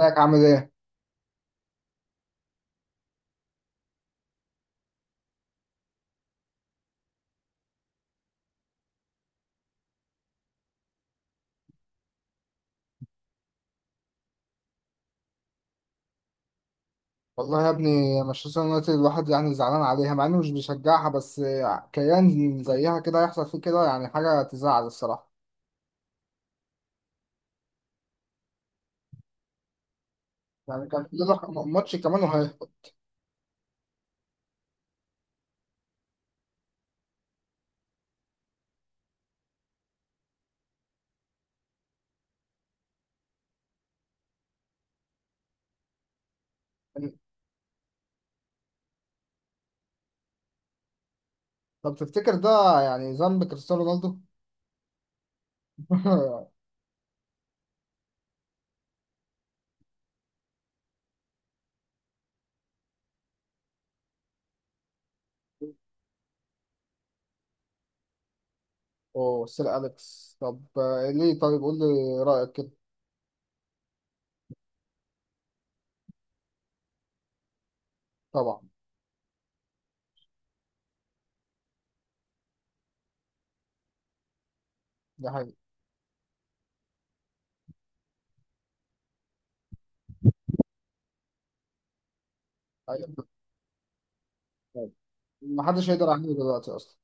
ازيك عامل ايه؟ والله يا ابني مانشستر يونايتد الواحد يعني زعلان عليها مع انه مش بيشجعها، بس كيان زيها كده يحصل فيه كده، يعني حاجة تزعل الصراحة. يعني كان في له ماتش كمان وهيهبط. طب تفتكر ده يعني ذنب كريستيانو رونالدو؟ اوه سير أليكس، طب ليه طيب قول لي رأيك كده. طبعا. ده حقيقي. أيوة. محدش يقدر يعمله دلوقتي اصلا.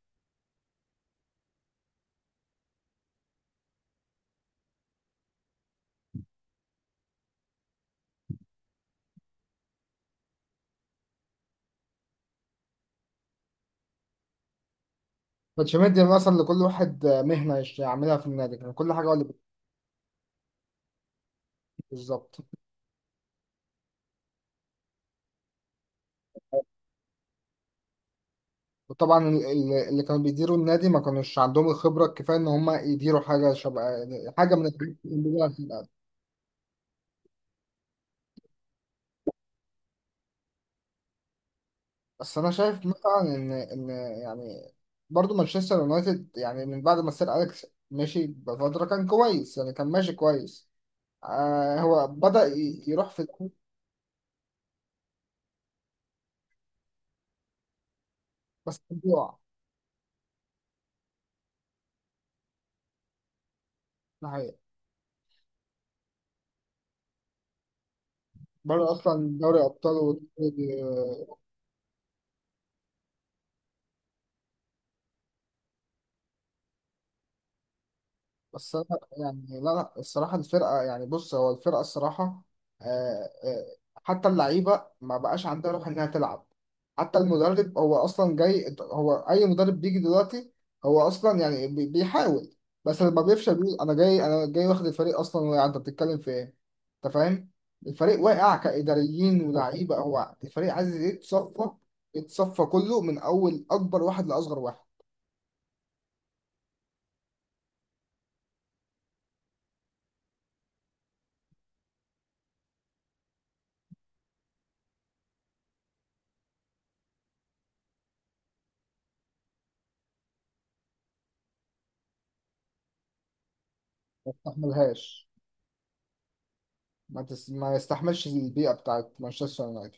كانش مدي مثلا لكل واحد مهنة يعملها في النادي، كان كل حاجة هو اللي بالظبط. وطبعا اللي كانوا بيديروا النادي ما كانوش عندهم الخبرة الكفاية إن هم يديروا حاجة شبه حاجة من الحاجات اللي موجودة في الأهلي. بس أنا شايف مثلا إن يعني برضو مانشستر يونايتد يعني من بعد ما سير أليكس مشي بفترة كان كويس، يعني كان ماشي كويس. آه هو بدأ يروح في الكورة. بس كان بيقع. ده حقيقة. برضه أصلا دوري أبطال. بس انا يعني لا الصراحه الفرقه، يعني بص هو الفرقه الصراحه آه، آه، حتى اللعيبه ما بقاش عندها روح انها تلعب. حتى المدرب هو اصلا جاي، هو اي مدرب بيجي دلوقتي هو اصلا يعني بيحاول. بس لما بيفشل بيقول انا جاي واخد الفريق اصلا واقع، انت بتتكلم في ايه؟ انت فاهم. الفريق واقع كاداريين ولاعيبه، هو الفريق عايز يتصفى، يتصفى كله من اول اكبر واحد لاصغر واحد. ما تستحملهاش. ما يستحملش البيئة بتاعت مانشستر يونايتد.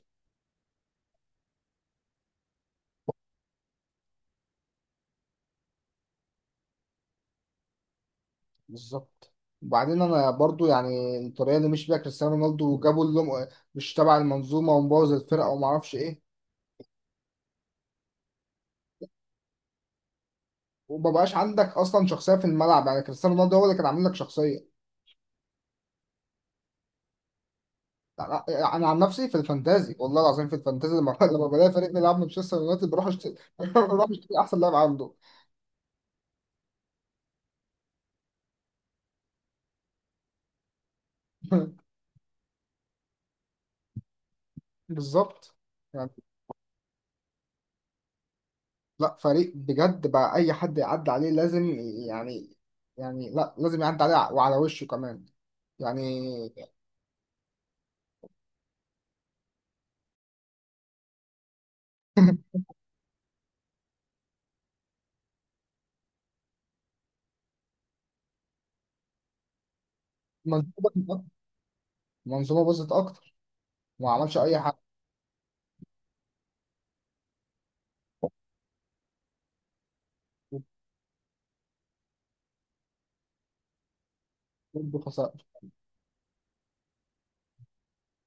بالظبط. وبعدين انا برضو يعني الطريقة اللي مشي بيها كريستيانو رونالدو، وجابوا اللي مش تبع المنظومة ومبوظ الفرقة وما اعرفش ايه. ومبقاش عندك اصلا شخصية في الملعب، يعني كريستيانو رونالدو هو اللي كان عامل لك شخصية. لا- لا، انا عن نفسي في الفانتازي والله العظيم في الفانتازي لما لما بلاقي فريق بيلعب مانشستر يونايتد بروح اشتري بروح اشتري احسن لاعب عنده. بالظبط. لا فريق بجد بقى اي حد يعدي عليه لازم يعني، يعني لا لازم يعدي عليه وعلى وشه كمان يعني. منظومه، منظومه باظت اكتر وما عملش اي حاجه. برضه خسر.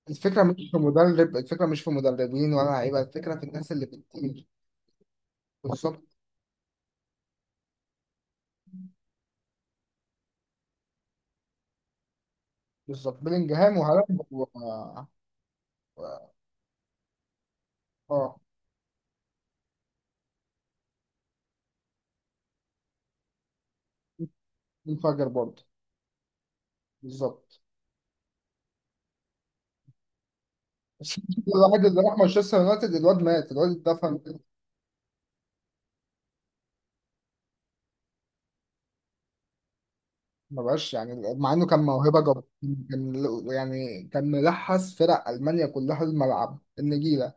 الفكره مش في مدرب، الفكره مش في مدربين ولا لعيبه، الفكره في الناس اللي بتدير. بالظبط. بالظبط بيلينجهام وهالاند و- اه منفجر برضه. بالظبط. بس الواحد اللي راح مانشستر يونايتد الواد مات الواد اتدفن. ما بقاش يعني مع انه كان موهبه جبار. كان يعني كان ملحس فرق المانيا كلها الملعب النجيله،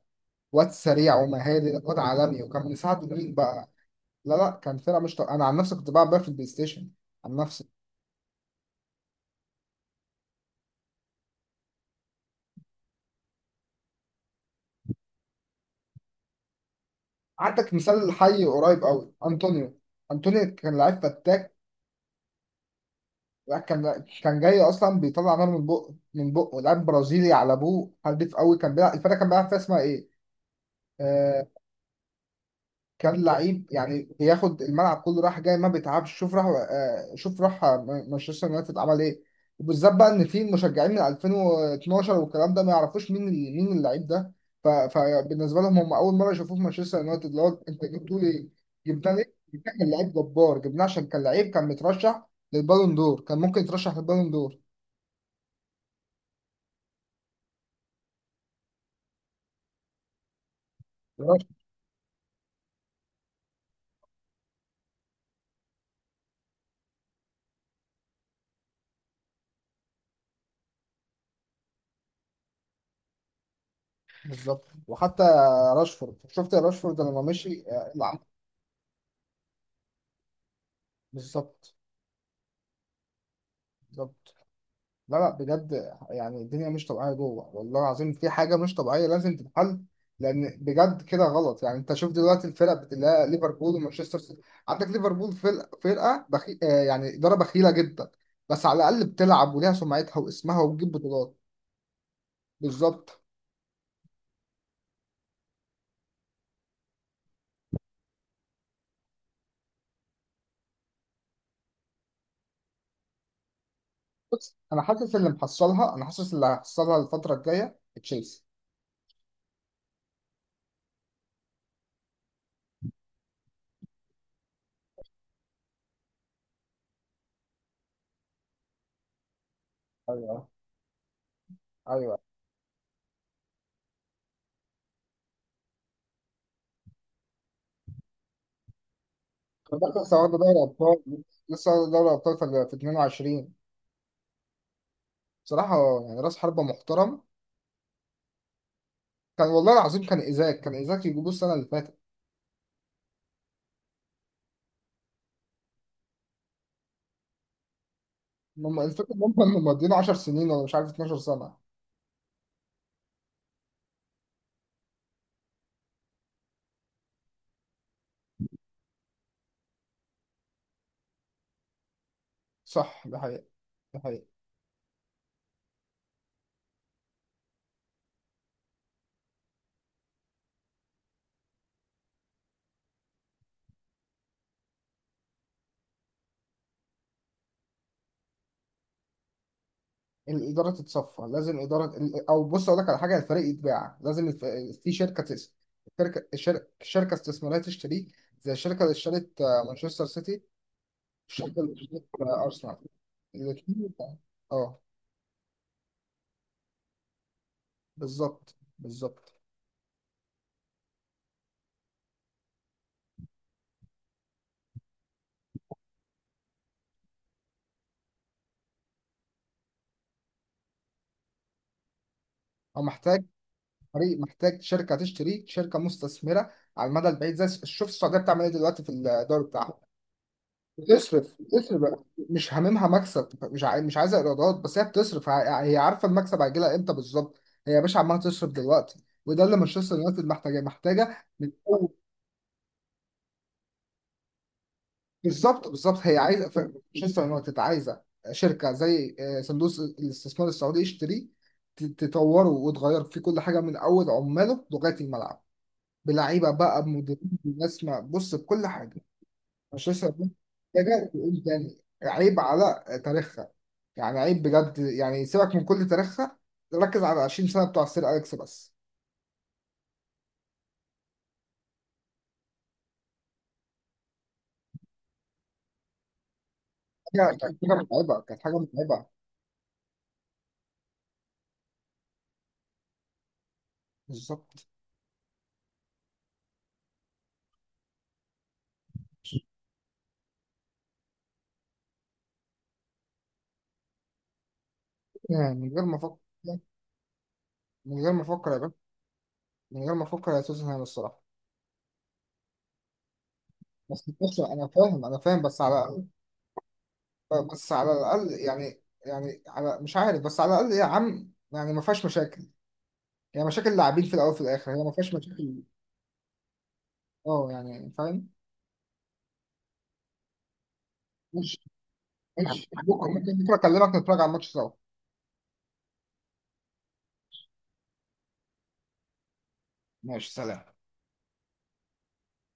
واد سريع ومهاري، واد عالمي، وكان مساعده مين بقى؟ لا لا كان فرقه مش طبيعية. انا عن نفسي كنت بلعب بقى في البلاي ستيشن عن نفسي. عندك مثال حي قريب قوي انطونيو. انطونيو كان لعيب فتاك. لا، كان كان جاي اصلا بيطلع نار من بقه من بقه، لاعب برازيلي على ابوه، حديف قوي، كان بيلعب الفرقه كان بيلعب فيها اسمها ايه، آه، كان لعيب يعني بياخد الملعب كله راح جاي ما بيتعبش. شوف راح شوف راح مانشستر يونايتد عمل ايه؟ وبالذات بقى ان في مشجعين من 2012 والكلام ده ما يعرفوش مين مين اللعيب ده. فبالنسبه لهم هم اول مره يشوفوه في مانشستر يونايتد، اللي هو انت جبتوه ليه؟ جبناه ليه؟ جبناه كان لعيب جبار، جبناه عشان كان لعيب، كان مترشح للبالون دور، كان ممكن يترشح للبالون دور. راشفورد. بالظبط. وحتى راشفورد، شفت راشفورد لما مشي، اللي بالظبط. بالظبط. لا لا بجد يعني الدنيا مش طبيعية جوه، والله العظيم في حاجة مش طبيعية لازم تتحل. لأن بجد كده غلط. يعني أنت شوف دلوقتي الفرق، بتلاقي ليفربول ومانشستر سيتي. عندك ليفربول فرقة فرقة بخي... آه يعني إدارة بخيلة جدا، بس على الأقل بتلعب وليها سمعتها واسمها وبتجيب بطولات. بالظبط. بص أنا حاسس اللي محصلها، أنا حاسس اللي هيحصلها الفترة الجاية تشيلسي. أيوه. أيوه. ده لسه واخدة دوري أبطال، لسه واخدة دوري أبطال في في 22. بصراحة يعني رأس حربة محترم. كان والله العظيم كان إيزاك، كان إيزاك يجيبوه السنة اللي فاتت. هم الفكرة إن هم كانوا مضيين 10 سنين ولا مش عارف 12 سنة. صح ده حقيقة. ده حقيقة. الإدارة تتصفى لازم، إدارة أو بص أقول لك على حاجة، الفريق يتباع لازم في شركة الشركة شركة استثمارية تشتريه، زي الشركة اللي اشترت مانشستر سيتي، والشركة اللي اشترت أرسنال، الاتنين. اه بالظبط بالظبط. هو محتاج، فريق محتاج شركه تشتريه، شركه مستثمره على المدى البعيد. زي شوف السعوديه بتعمل ايه دلوقتي في الدوري بتاعهم، بتصرف، بتصرف بقى. مش هاممها مكسب، مش عايزه ايرادات، بس هي بتصرف هي عارفه المكسب هيجي لها امتى بالظبط. هي يا باشا عماله تصرف دلوقتي، وده اللي مانشستر يونايتد محتاجاه، محتاجه من اول. بالظبط. بالظبط هي عايزه مانشستر يونايتد عايزه شركه زي صندوق الاستثمار السعودي يشتريه، تطوره وتغير فيه كل حاجه من اول عماله لغايه الملعب، بلعيبه بقى، بمدربين، بناس بص بكل حاجه. مانشستر يونايتد محتاجه تقول تاني، عيب على تاريخها، يعني عيب بجد. يعني سيبك من كل تاريخها، ركز على 20 سنه بتوع سير اليكس بس. حاجه كانت حاجه متعبه كانت حاجه متعبه. بالظبط. يعني من غير ما افكر، من غير ما افكر يا باشا، من غير ما افكر يا توتنهام الصراحه. بس بص انا فاهم بس على، بس على الاقل يعني، يعني على مش عارف، بس على الاقل يا عم يعني ما فيهاش مشاكل. هي مشاكل لاعبين في الاول وفي الاخر، هي ما فيهاش مشاكل. اه يعني فاهم. مش مش بكره، ممكن بكره اكلمك نتفرج على الماتش سوا. ماشي سلام.